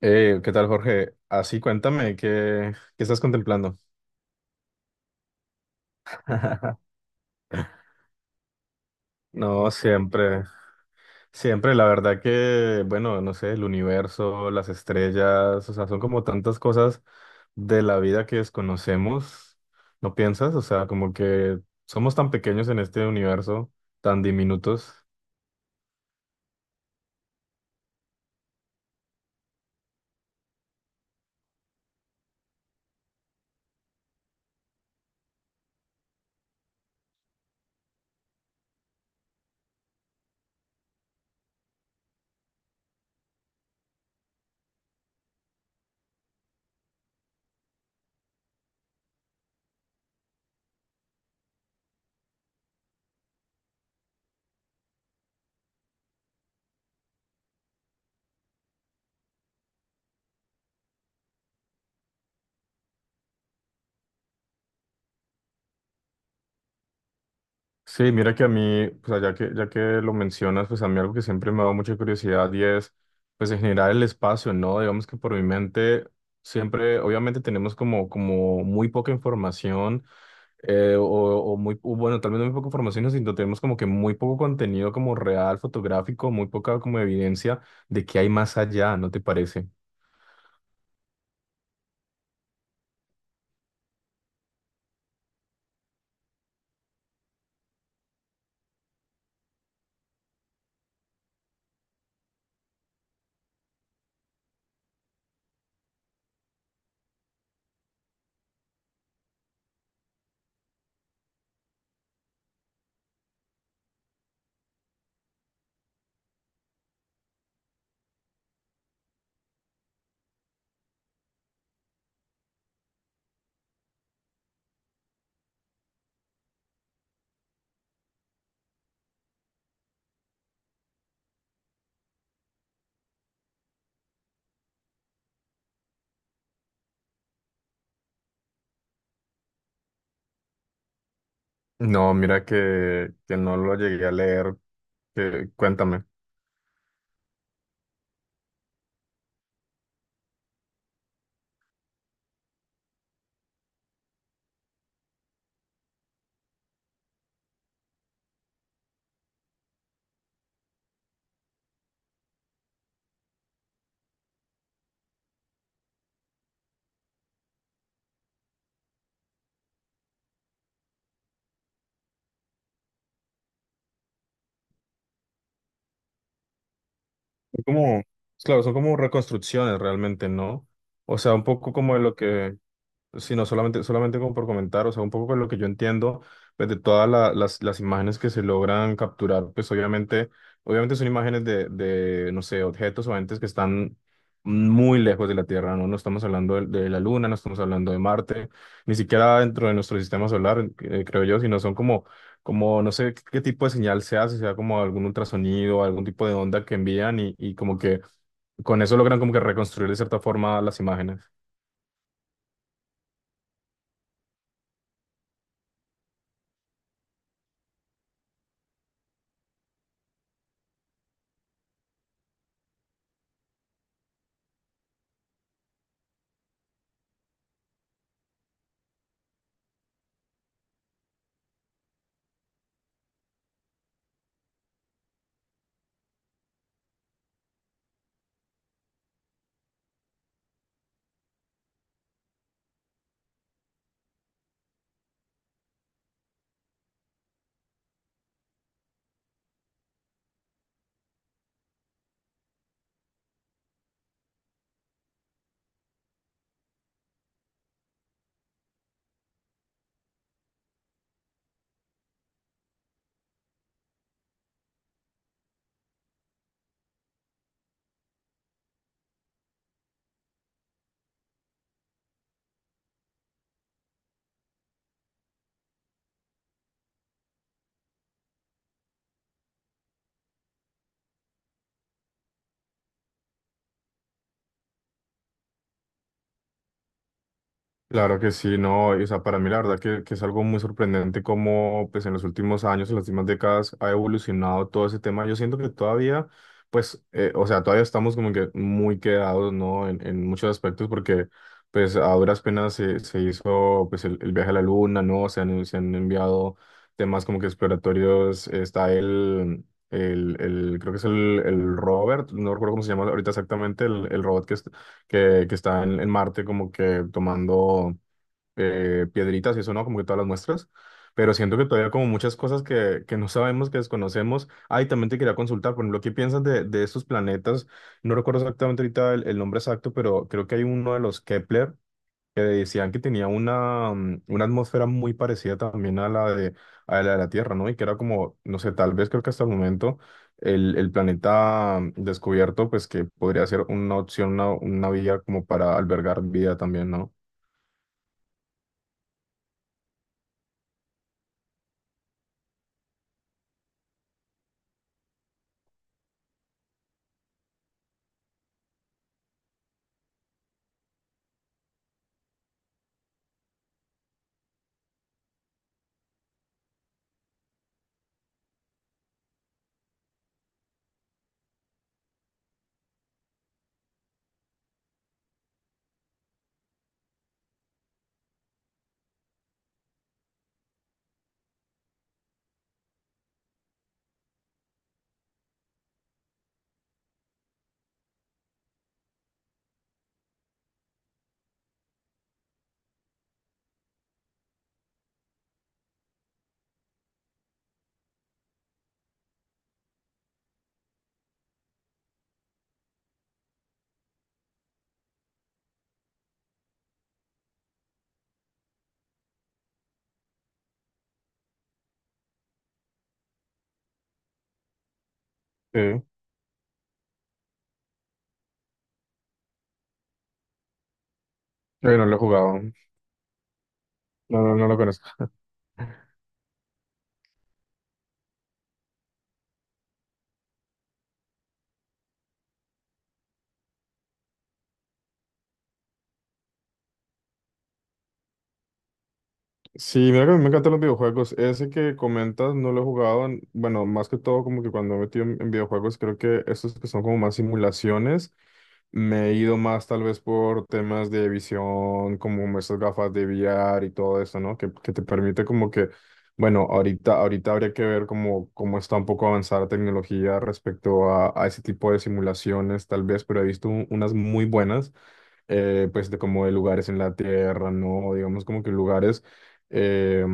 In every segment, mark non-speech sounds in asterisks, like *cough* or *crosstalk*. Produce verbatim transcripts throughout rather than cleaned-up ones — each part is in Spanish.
Eh, ¿qué tal, Jorge? Así, cuéntame, ¿qué, qué estás contemplando? *laughs* No, siempre, siempre, la verdad que, bueno, no sé, el universo, las estrellas, o sea, son como tantas cosas de la vida que desconocemos, ¿no piensas? O sea, como que somos tan pequeños en este universo, tan diminutos. Sí, mira que a mí, pues ya que, ya que lo mencionas, pues a mí algo que siempre me ha dado mucha curiosidad y es, pues en general el espacio, ¿no? Digamos que por mi mente siempre, obviamente tenemos como, como muy poca información eh, o, o muy, o bueno, tal vez no muy poca información, ¿no? Sino tenemos como que muy poco contenido como real, fotográfico, muy poca como evidencia de que hay más allá, ¿no te parece? No, mira que, que no lo llegué a leer, que, cuéntame. Son como, claro, son como reconstrucciones realmente, ¿no? O sea, un poco como de lo que, si no, solamente, solamente como por comentar, o sea, un poco de lo que yo entiendo, pues de todas la- las, las imágenes que se logran capturar, pues obviamente, obviamente son imágenes de, de, no sé, objetos o entes que están muy lejos de la Tierra, ¿no? No estamos hablando de, de la Luna, no estamos hablando de Marte, ni siquiera dentro de nuestro sistema solar, eh, creo yo, sino son como como no sé qué, qué tipo de señal se hace, sea como algún ultrasonido, algún tipo de onda que envían y, y como que con eso logran como que reconstruir de cierta forma las imágenes. Claro que sí, no, y, o sea, para mí la verdad que, que es algo muy sorprendente cómo pues en los últimos años, en las últimas décadas ha evolucionado todo ese tema. Yo siento que todavía, pues, eh, o sea, todavía estamos como que muy quedados, ¿no? En, en muchos aspectos porque pues a duras penas se, se hizo pues el, el viaje a la Luna, ¿no? Se han, se han enviado temas como que exploratorios, está el, el, el creo que es el, el Robert, no recuerdo cómo se llama ahorita exactamente, el, el robot que que, que está en, en Marte como que tomando eh, piedritas y eso, ¿no? Como que todas las muestras. Pero siento que todavía como muchas cosas que, que no sabemos, que desconocemos. Ah, y también te quería consultar, por ejemplo, ¿qué piensas de, de estos planetas? No recuerdo exactamente ahorita el, el nombre exacto, pero creo que hay uno de los Kepler que decían que tenía una, mm, una atmósfera muy parecida también a la de, a la de la Tierra, ¿no? Y que era como, no sé, tal vez creo que hasta el momento el, el planeta mm, descubierto, pues que podría ser una opción, una, una vía como para albergar vida también, ¿no? Sí. Eh, no lo he jugado, no, no, no lo conozco. Sí, mira que a mí me encantan los videojuegos, ese que comentas no lo he jugado, en- bueno, más que todo como que cuando me he metido en en videojuegos creo que estos que son como más simulaciones. Me he ido más tal vez por temas de visión, como esas gafas de V R y todo eso, ¿no? Que, que te permite como que, bueno, ahorita, ahorita habría que ver cómo, cómo está un poco avanzada la tecnología respecto a, a ese tipo de simulaciones, tal vez, pero he visto un- unas muy buenas eh, pues de como de lugares en la Tierra, ¿no? Digamos como que lugares eh,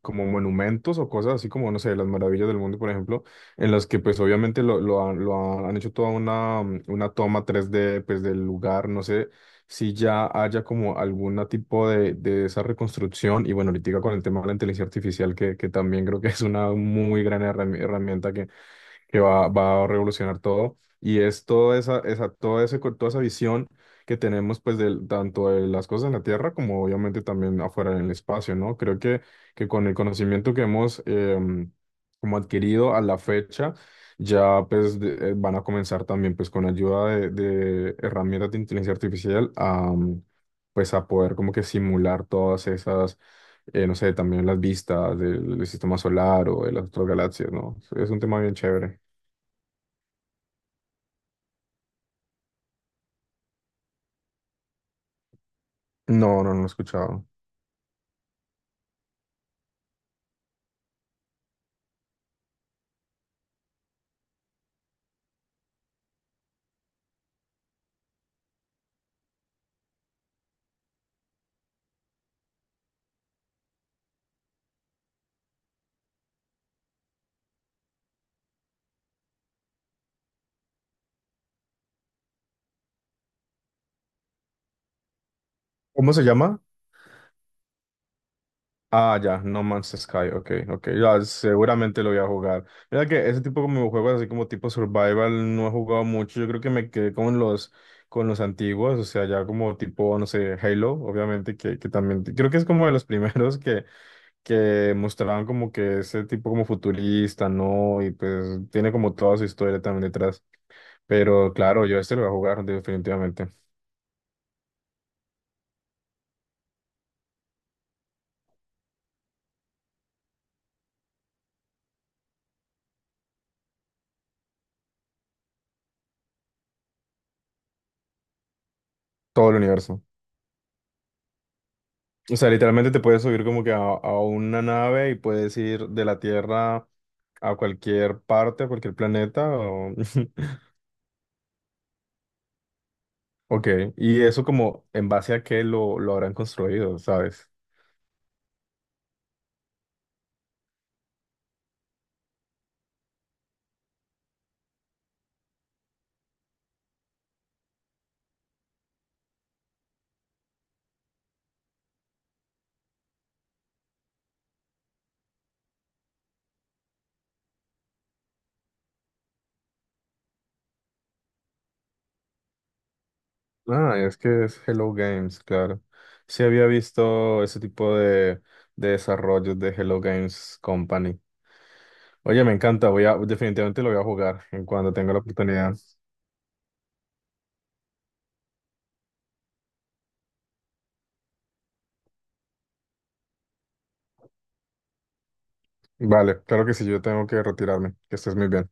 como monumentos o cosas así como, no sé, las maravillas del mundo, por ejemplo, en las que pues obviamente lo, lo han, lo han han hecho toda una, mm, una toma tres d pues del lugar, no sé si ya haya como algún tipo de, de esa reconstrucción y bueno, ahorita con el tema de la inteligencia artificial que, que también creo que es una muy gran herrami- herramienta que que va, va a revolucionar todo. Y es toda esa, esa, toda ese, co- toda esa visión que tenemos, pues, del, tanto de las cosas en la Tierra como obviamente también afuera en el espacio, ¿no? Creo que, que con el conocimiento que hemos em, como adquirido a la fecha, ya pues de- eh, van a comenzar también pues con ayuda de, de herramientas de inteligencia artificial a, mm, pues a poder como que simular todas esas, eh, no sé, también las vistas del, del sistema solar o de las otras galaxias, ¿no? Es un tema bien chévere. No, no, no lo he escuchado. ¿Cómo se llama? Ah, ya, No Man's Sky, ok, ok, ya, seguramente lo voy a jugar. Mira que ese tipo como de juegos así como tipo survival no he jugado mucho, yo creo que me quedé con los, con los, antiguos, o sea, ya como tipo, no sé, Halo, obviamente, que, que también, creo que es como de los *laughs* primeros que, que mostraban como que ese tipo como futurista, ¿no? Y pues tiene como toda su historia también detrás. Pero claro, yo este lo voy a jugar definitivamente, todo el universo. O sea, literalmente te puedes subir como que a, a una nave y puedes ir de la Tierra a cualquier parte, a cualquier planeta. o- *laughs* Ok, y eso como en base a qué lo, lo habrán construido, ¿sabes? Ah, es que es Hello Games, claro. Sí había visto ese tipo de, de desarrollos de Hello Games Company. Oye, me encanta, voy a, definitivamente lo voy a jugar en cuando tenga la oportunidad. Vale, claro que sí, yo tengo que retirarme. Que estés muy bien.